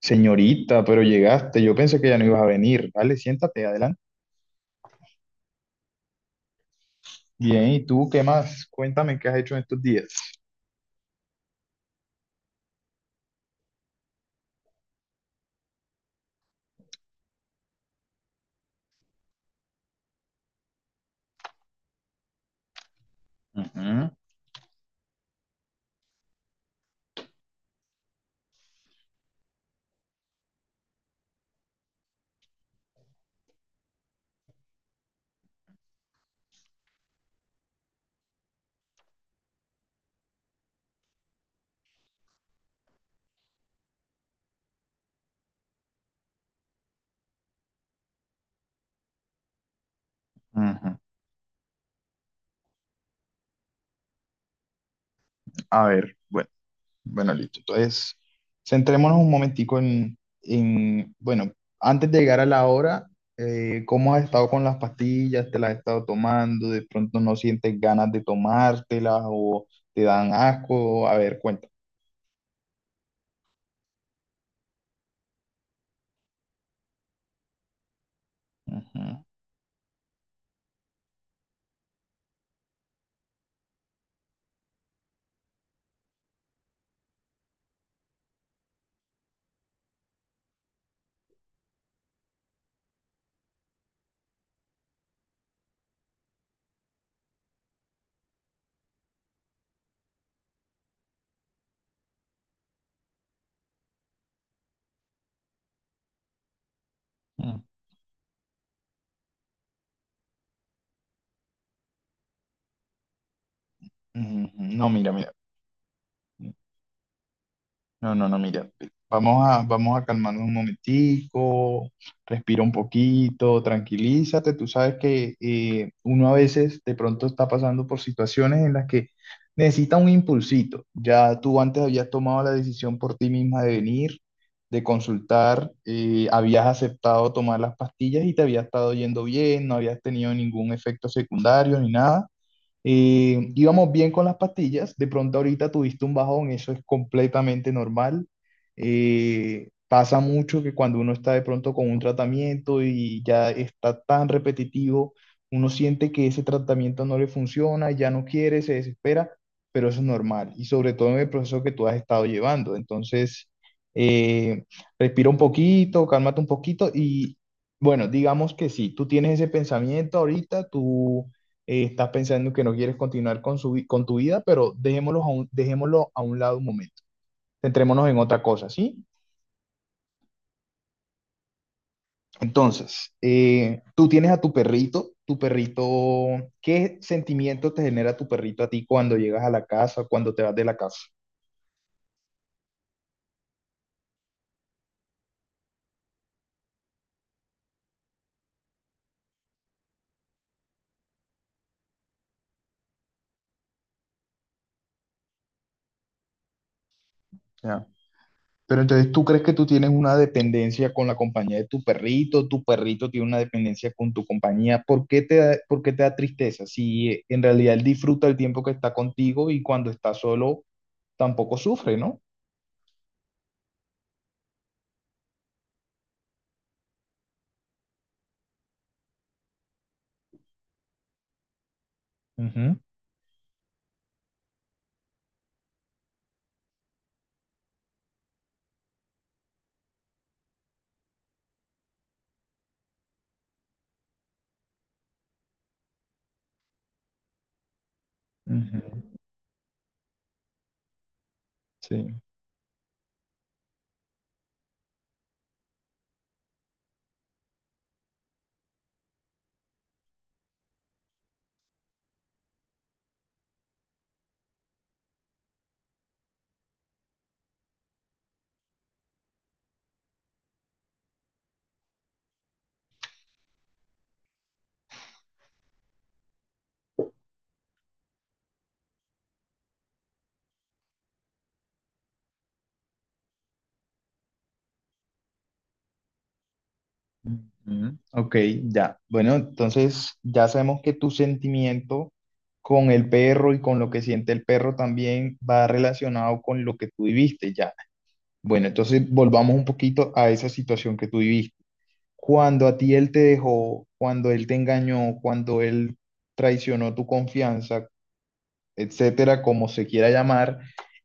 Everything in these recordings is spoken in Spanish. Señorita, pero llegaste. Yo pensé que ya no ibas a venir. Dale, siéntate, adelante. Bien, ¿y tú qué más? Cuéntame qué has hecho en estos días. Ujú, ujú. A ver, bueno, bueno, listo. Entonces, centrémonos un momentico bueno, antes de llegar a la hora, ¿cómo has estado con las pastillas? ¿Te las has estado tomando? ¿De pronto no sientes ganas de tomártelas o te dan asco? A ver, cuéntame. Ujú, ujú, ujú. No, mira, mira. No, no, no, mira, vamos a calmarnos un momentico, respira un poquito, tranquilízate. Tú sabes que uno a veces de pronto está pasando por situaciones en las que necesita un impulsito. Ya tú antes habías tomado la decisión por ti misma de venir, de consultar, habías aceptado tomar las pastillas y te había estado yendo bien, no habías tenido ningún efecto secundario ni nada. Íbamos bien con las pastillas, de pronto ahorita tuviste un bajón, eso es completamente normal. Pasa mucho que cuando uno está de pronto con un tratamiento y ya está tan repetitivo, uno siente que ese tratamiento no le funciona, ya no quiere, se desespera, pero eso es normal y sobre todo en el proceso que tú has estado llevando. Entonces, eh, respira un poquito, cálmate un poquito y bueno, digamos que sí, tú tienes ese pensamiento ahorita, tú estás pensando que no quieres continuar con tu vida, pero dejémoslo a un lado un momento. Centrémonos en otra cosa, ¿sí? Entonces, tú tienes a tu perrito, ¿qué sentimiento te genera tu perrito a ti cuando llegas a la casa, cuando te vas de la casa? Ya. Pero entonces, ¿tú crees que tú tienes una dependencia con la compañía de tu perrito? ¿Tu perrito tiene una dependencia con tu compañía? ¿Por qué te da tristeza? Si en realidad él disfruta el tiempo que está contigo y cuando está solo tampoco sufre, ¿no? Ujú, ujú, sí. Ujú. Ok, ya. Bueno, entonces, ya sabemos que tu sentimiento con el perro y con lo que siente el perro también va relacionado con lo que tú viviste, ya. Bueno, entonces volvamos un poquito a esa situación que tú viviste. Cuando a ti él te dejó, cuando él te engañó, cuando él traicionó tu confianza, etcétera, como se quiera llamar,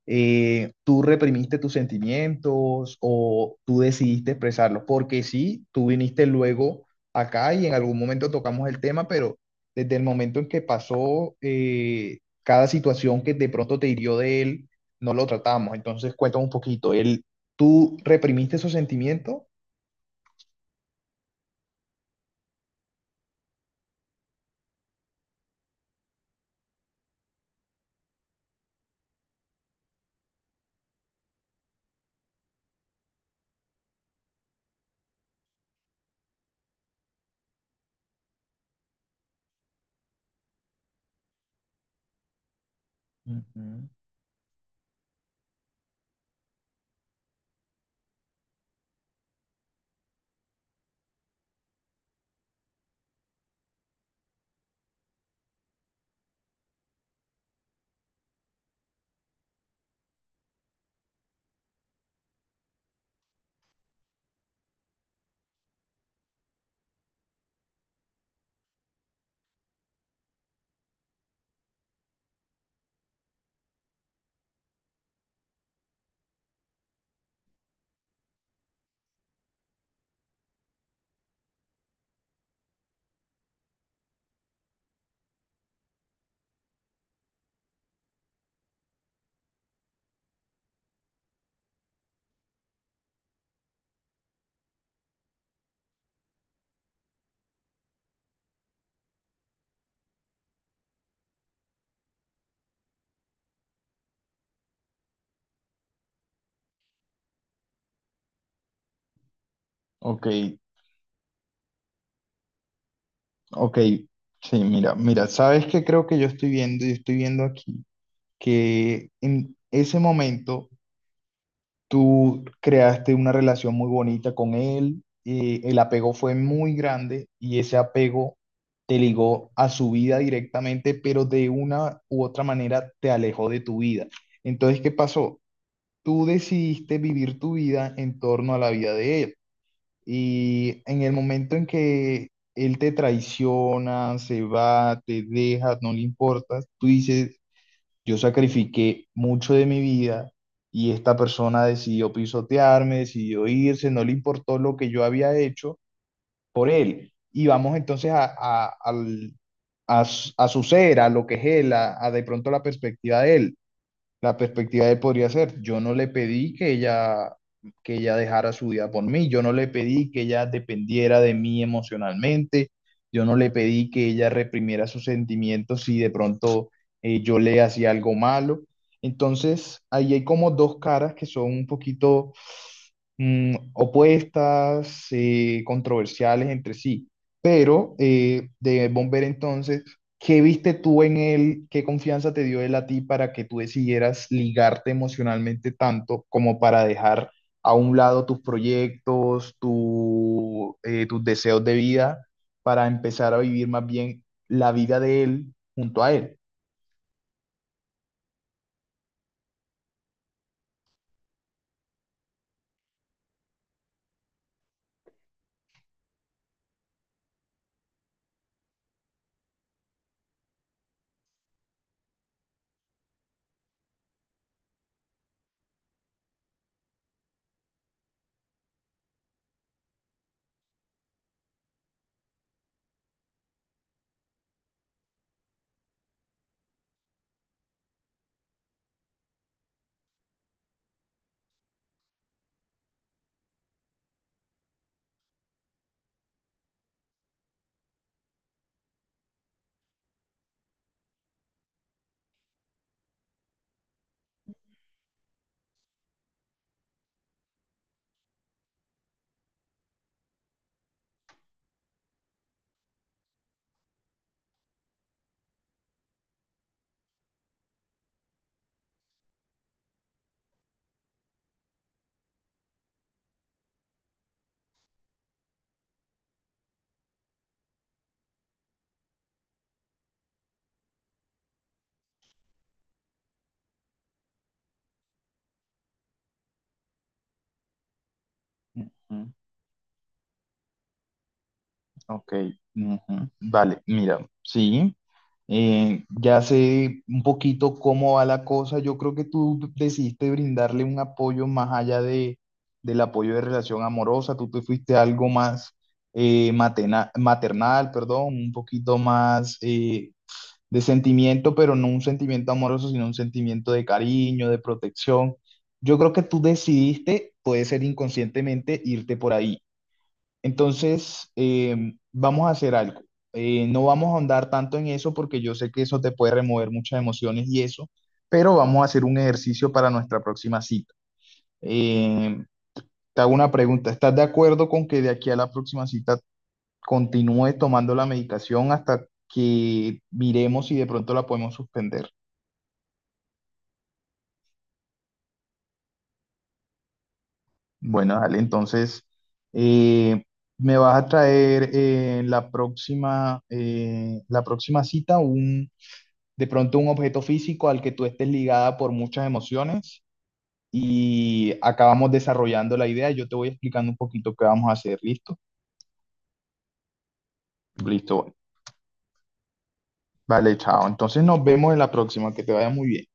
tú reprimiste tus sentimientos o tú decidiste expresarlos, porque sí, tú viniste luego acá y en algún momento tocamos el tema, pero desde el momento en que pasó cada situación que de pronto te hirió de él, no lo tratamos. Entonces, cuéntame un poquito, él, ¿tú reprimiste esos sentimientos? Ujú. Ok, ok, sí, mira, mira, ¿sabes qué creo que yo estoy viendo? Yo estoy viendo aquí que en ese momento tú creaste una relación muy bonita con él, el apego fue muy grande y ese apego te ligó a su vida directamente, pero de una u otra manera te alejó de tu vida. Entonces, ¿qué pasó? Tú decidiste vivir tu vida en torno a la vida de él y en el momento en que él te traiciona, se va, te deja, no le importas, tú dices yo sacrifiqué mucho de mi vida y esta persona decidió pisotearme, decidió irse, no le importó lo que yo había hecho por él. Y vamos entonces a su ser, a lo que es él, a de pronto la perspectiva de él, la perspectiva de podría ser. Yo no le pedí que ella dejara su vida por mí, yo no le pedí que ella dependiera de mí emocionalmente, yo no le pedí que ella reprimiera sus sentimientos si de pronto yo le hacía algo malo. Entonces, ahí hay como dos caras que son un poquito opuestas, controversiales entre sí. Pero de Bomber entonces, ¿qué viste tú en él? ¿Qué confianza te dio él a ti para que tú decidieras ligarte emocionalmente tanto como para dejar a un lado tus proyectos, tus deseos de vida, para empezar a vivir más bien la vida de él junto a él? Ok, ujú, vale, mira, sí, ya sé un poquito cómo va la cosa. Yo creo que tú decidiste brindarle un apoyo más allá del apoyo de relación amorosa. Tú te fuiste a algo más maternal, perdón, un poquito más de sentimiento, pero no un sentimiento amoroso, sino un sentimiento de cariño, de protección. Yo creo que tú decidiste, puede ser inconscientemente, irte por ahí. Entonces, vamos a hacer algo. No vamos a ahondar tanto en eso porque yo sé que eso te puede remover muchas emociones y eso, pero vamos a hacer un ejercicio para nuestra próxima cita. Eh, Te hago una pregunta. ¿Estás de acuerdo con que de aquí a la próxima cita continúes tomando la medicación hasta que miremos si de pronto la podemos suspender? Bueno, dale, entonces, eh, me vas a traer la próxima cita un de pronto un objeto físico al que tú estés ligada por muchas emociones y acabamos desarrollando la idea. Yo te voy explicando un poquito qué vamos a hacer, ¿listo? Listo, bueno. Vale, chao. Entonces nos vemos en la próxima, que te vaya muy bien.